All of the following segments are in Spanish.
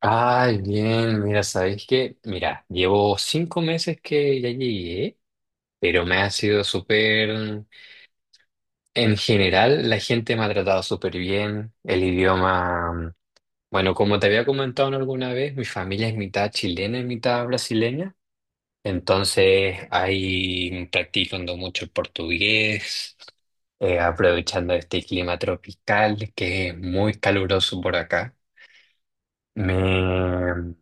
Ay, bien, mira, ¿sabéis qué? Mira, llevo 5 meses que ya llegué, pero me ha sido súper. En general, la gente me ha tratado súper bien, el idioma. Bueno, como te había comentado en alguna vez, mi familia es mitad chilena y mitad brasileña, entonces ahí practicando mucho el portugués, aprovechando este clima tropical que es muy caluroso por acá. Me,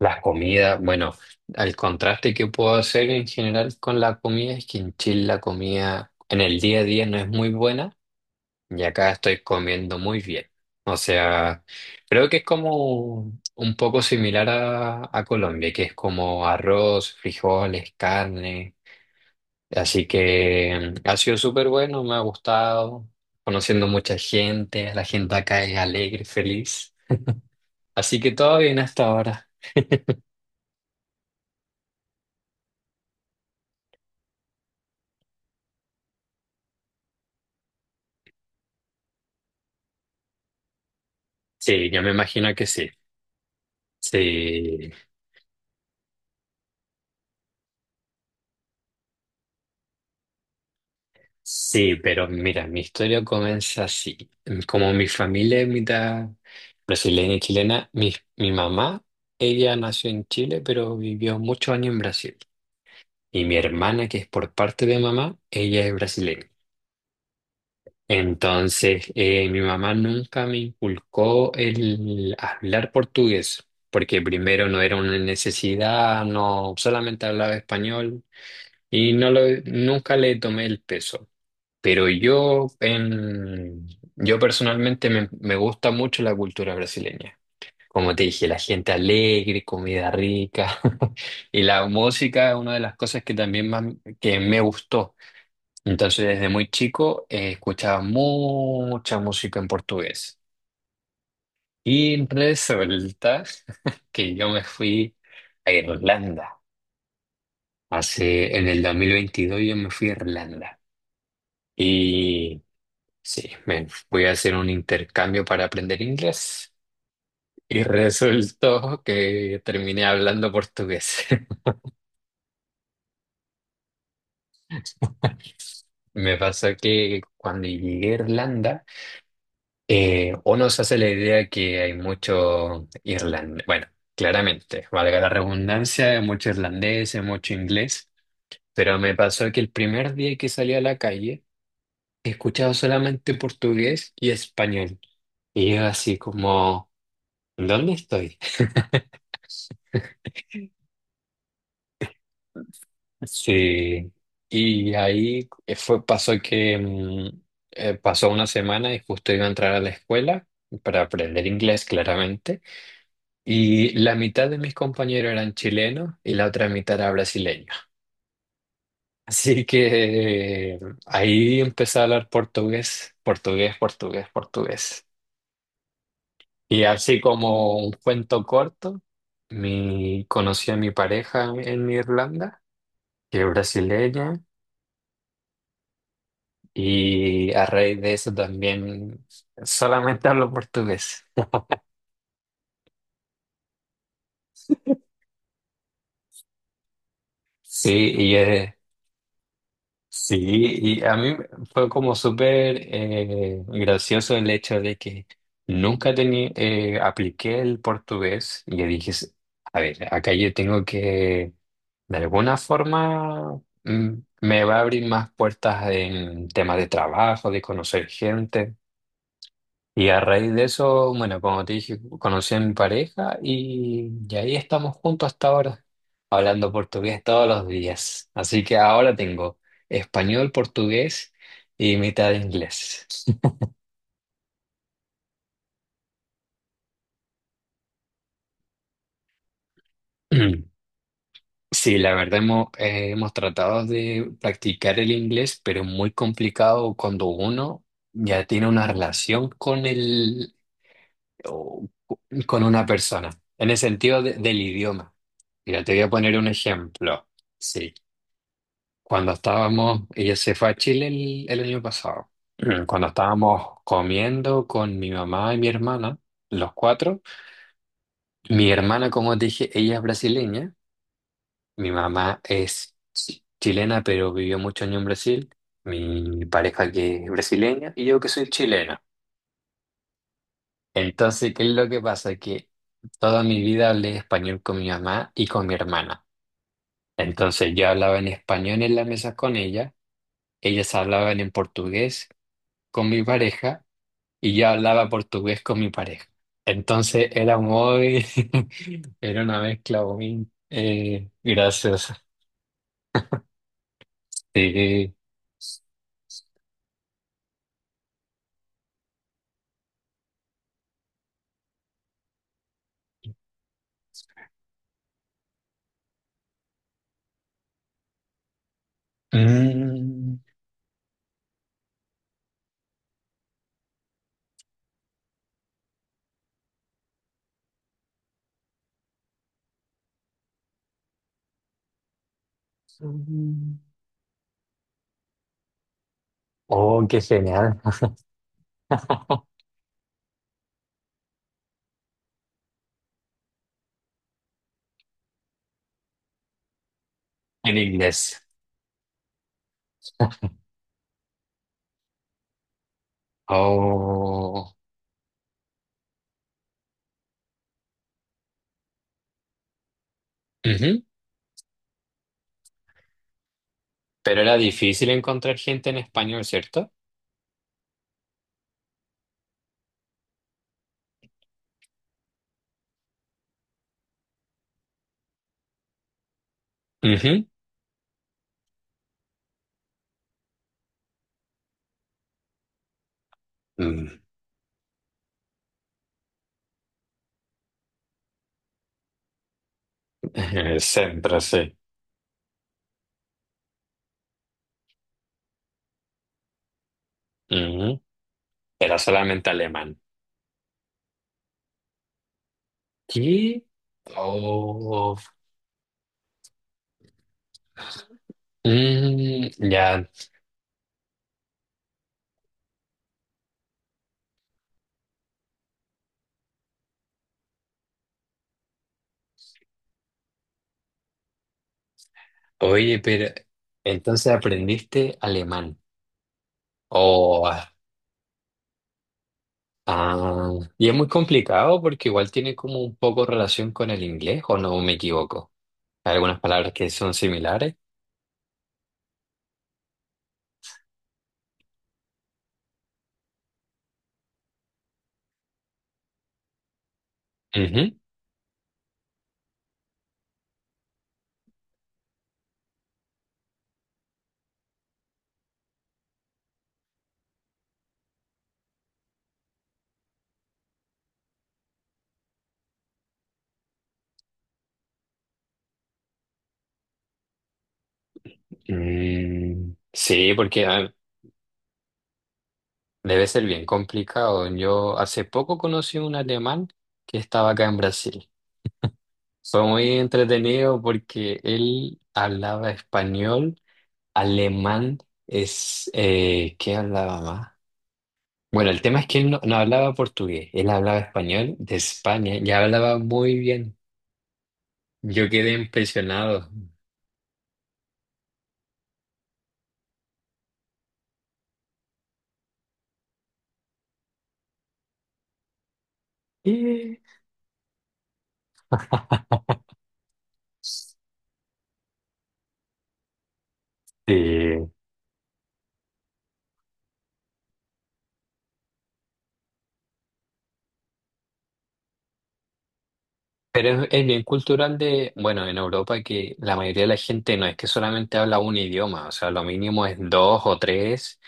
Las comidas, bueno, el contraste que puedo hacer en general con la comida es que en Chile la comida en el día a día no es muy buena y acá estoy comiendo muy bien. O sea, creo que es como un poco similar a Colombia, que es como arroz, frijoles, carne. Así que ha sido súper bueno, me ha gustado, conociendo mucha gente, la gente acá es alegre, feliz. Así que todo bien hasta ahora. Sí, yo me imagino que sí. Sí, sí, pero mira, mi historia comienza así. Como mi familia es mitad brasileña y chilena, mi mamá, ella nació en Chile, pero vivió muchos años en Brasil. Y mi hermana, que es por parte de mamá, ella es brasileña. Entonces, mi mamá nunca me inculcó el hablar portugués, porque primero no era una necesidad, no solamente hablaba español y nunca le tomé el peso. Pero yo personalmente me gusta mucho la cultura brasileña. Como te dije, la gente alegre, comida rica y la música es una de las cosas que también más que me gustó. Entonces, desde muy chico escuchaba mucha música en portugués. Y resulta que yo me fui a Irlanda. En el 2022 yo me fui a Irlanda. y Sí, me voy a hacer un intercambio para aprender inglés y resultó que terminé hablando portugués. Me pasó que cuando llegué a Irlanda, uno se hace la idea que hay mucho irlandés, bueno, claramente, valga la redundancia, mucho irlandés, mucho inglés, pero me pasó que el primer día que salí a la calle, he escuchado solamente portugués y español. Y yo así como, ¿dónde estoy? Sí, y ahí pasó que pasó una semana y justo iba a entrar a la escuela para aprender inglés claramente, y la mitad de mis compañeros eran chilenos y la otra mitad era brasileña. Así que ahí empecé a hablar portugués, portugués, portugués, portugués. Y así como un cuento corto, conocí a mi pareja en Irlanda, que es brasileña. Y a raíz de eso también solamente hablo portugués. Sí, y, eh, sí, y a mí fue como súper gracioso el hecho de que nunca tenía, apliqué el portugués y yo dije, a ver, acá yo tengo que, de alguna forma, me va a abrir más puertas en temas de trabajo, de conocer gente. Y a raíz de eso, bueno, como te dije, conocí a mi pareja y ahí estamos juntos hasta ahora, hablando portugués todos los días. Así que ahora tengo español, portugués y mitad de inglés. Sí, la verdad hemos tratado de practicar el inglés, pero es muy complicado cuando uno ya tiene una relación o- con una persona, en el sentido del idioma. Mira, te voy a poner un ejemplo. Sí. Cuando estábamos, ella se fue a Chile el año pasado. Cuando estábamos comiendo con mi mamá y mi hermana, los cuatro, mi hermana, como te dije, ella es brasileña, mi mamá es chilena, pero vivió muchos años en Brasil, mi pareja que es brasileña y yo que soy chilena. Entonces, ¿qué es lo que pasa? Que toda mi vida hablé español con mi mamá y con mi hermana. Entonces, yo hablaba en español en la mesa con ella, ellas hablaban en portugués con mi pareja, y yo hablaba portugués con mi pareja. Entonces era muy, era una mezcla muy graciosa. Sí. Mm. Mm. Oh, qué genial. En inglés. Oh. Ujú. Pero era difícil encontrar gente en español, ¿cierto? Ujú. Mm. Siempre sí. Ujú. Era solamente alemán. ¿Qué? Oh. Mm, ya. Oye, pero entonces aprendiste alemán. Oh, ah, ah. Y es muy complicado porque igual tiene como un poco relación con el inglés, ¿o no me equivoco? Hay algunas palabras que son similares. Ujú. Mm, sí, porque debe ser bien complicado. Yo hace poco conocí un alemán que estaba acá en Brasil. Fue muy entretenido porque él hablaba español. Alemán es. ¿Qué hablaba más? Bueno, el tema es que él no hablaba portugués, él hablaba español de España, ya hablaba muy bien. Yo quedé impresionado. Eh, Sí. Pero es bien cultural bueno, en Europa que la mayoría de la gente no es que solamente habla un idioma, o sea, lo mínimo es dos o tres,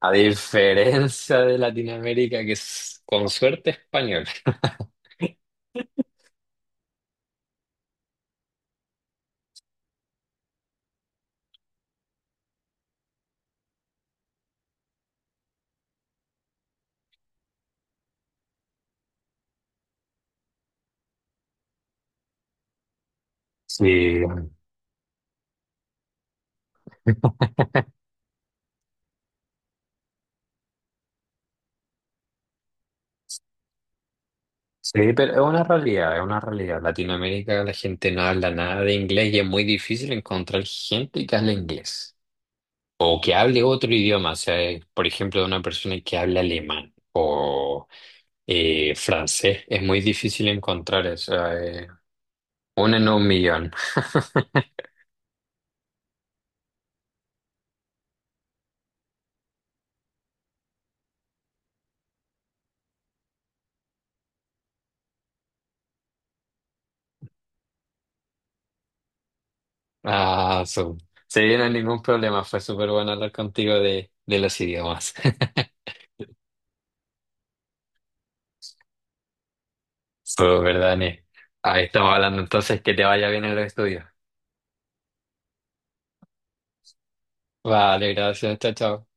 a diferencia de Latinoamérica que es con suerte español. Sí. Sí, pero es una realidad, es una realidad. Latinoamérica la gente no habla nada de inglés y es muy difícil encontrar gente que hable inglés o que hable otro idioma, o sea, por ejemplo, una persona que hable alemán o francés, es muy difícil encontrar eso, una en un millón. Ah, su. Se viene ningún problema, fue súper bueno hablar contigo de los idiomas. Súper, Dani. Ahí estamos hablando entonces, que te vaya bien en los estudios. Vale, gracias, chao, chao.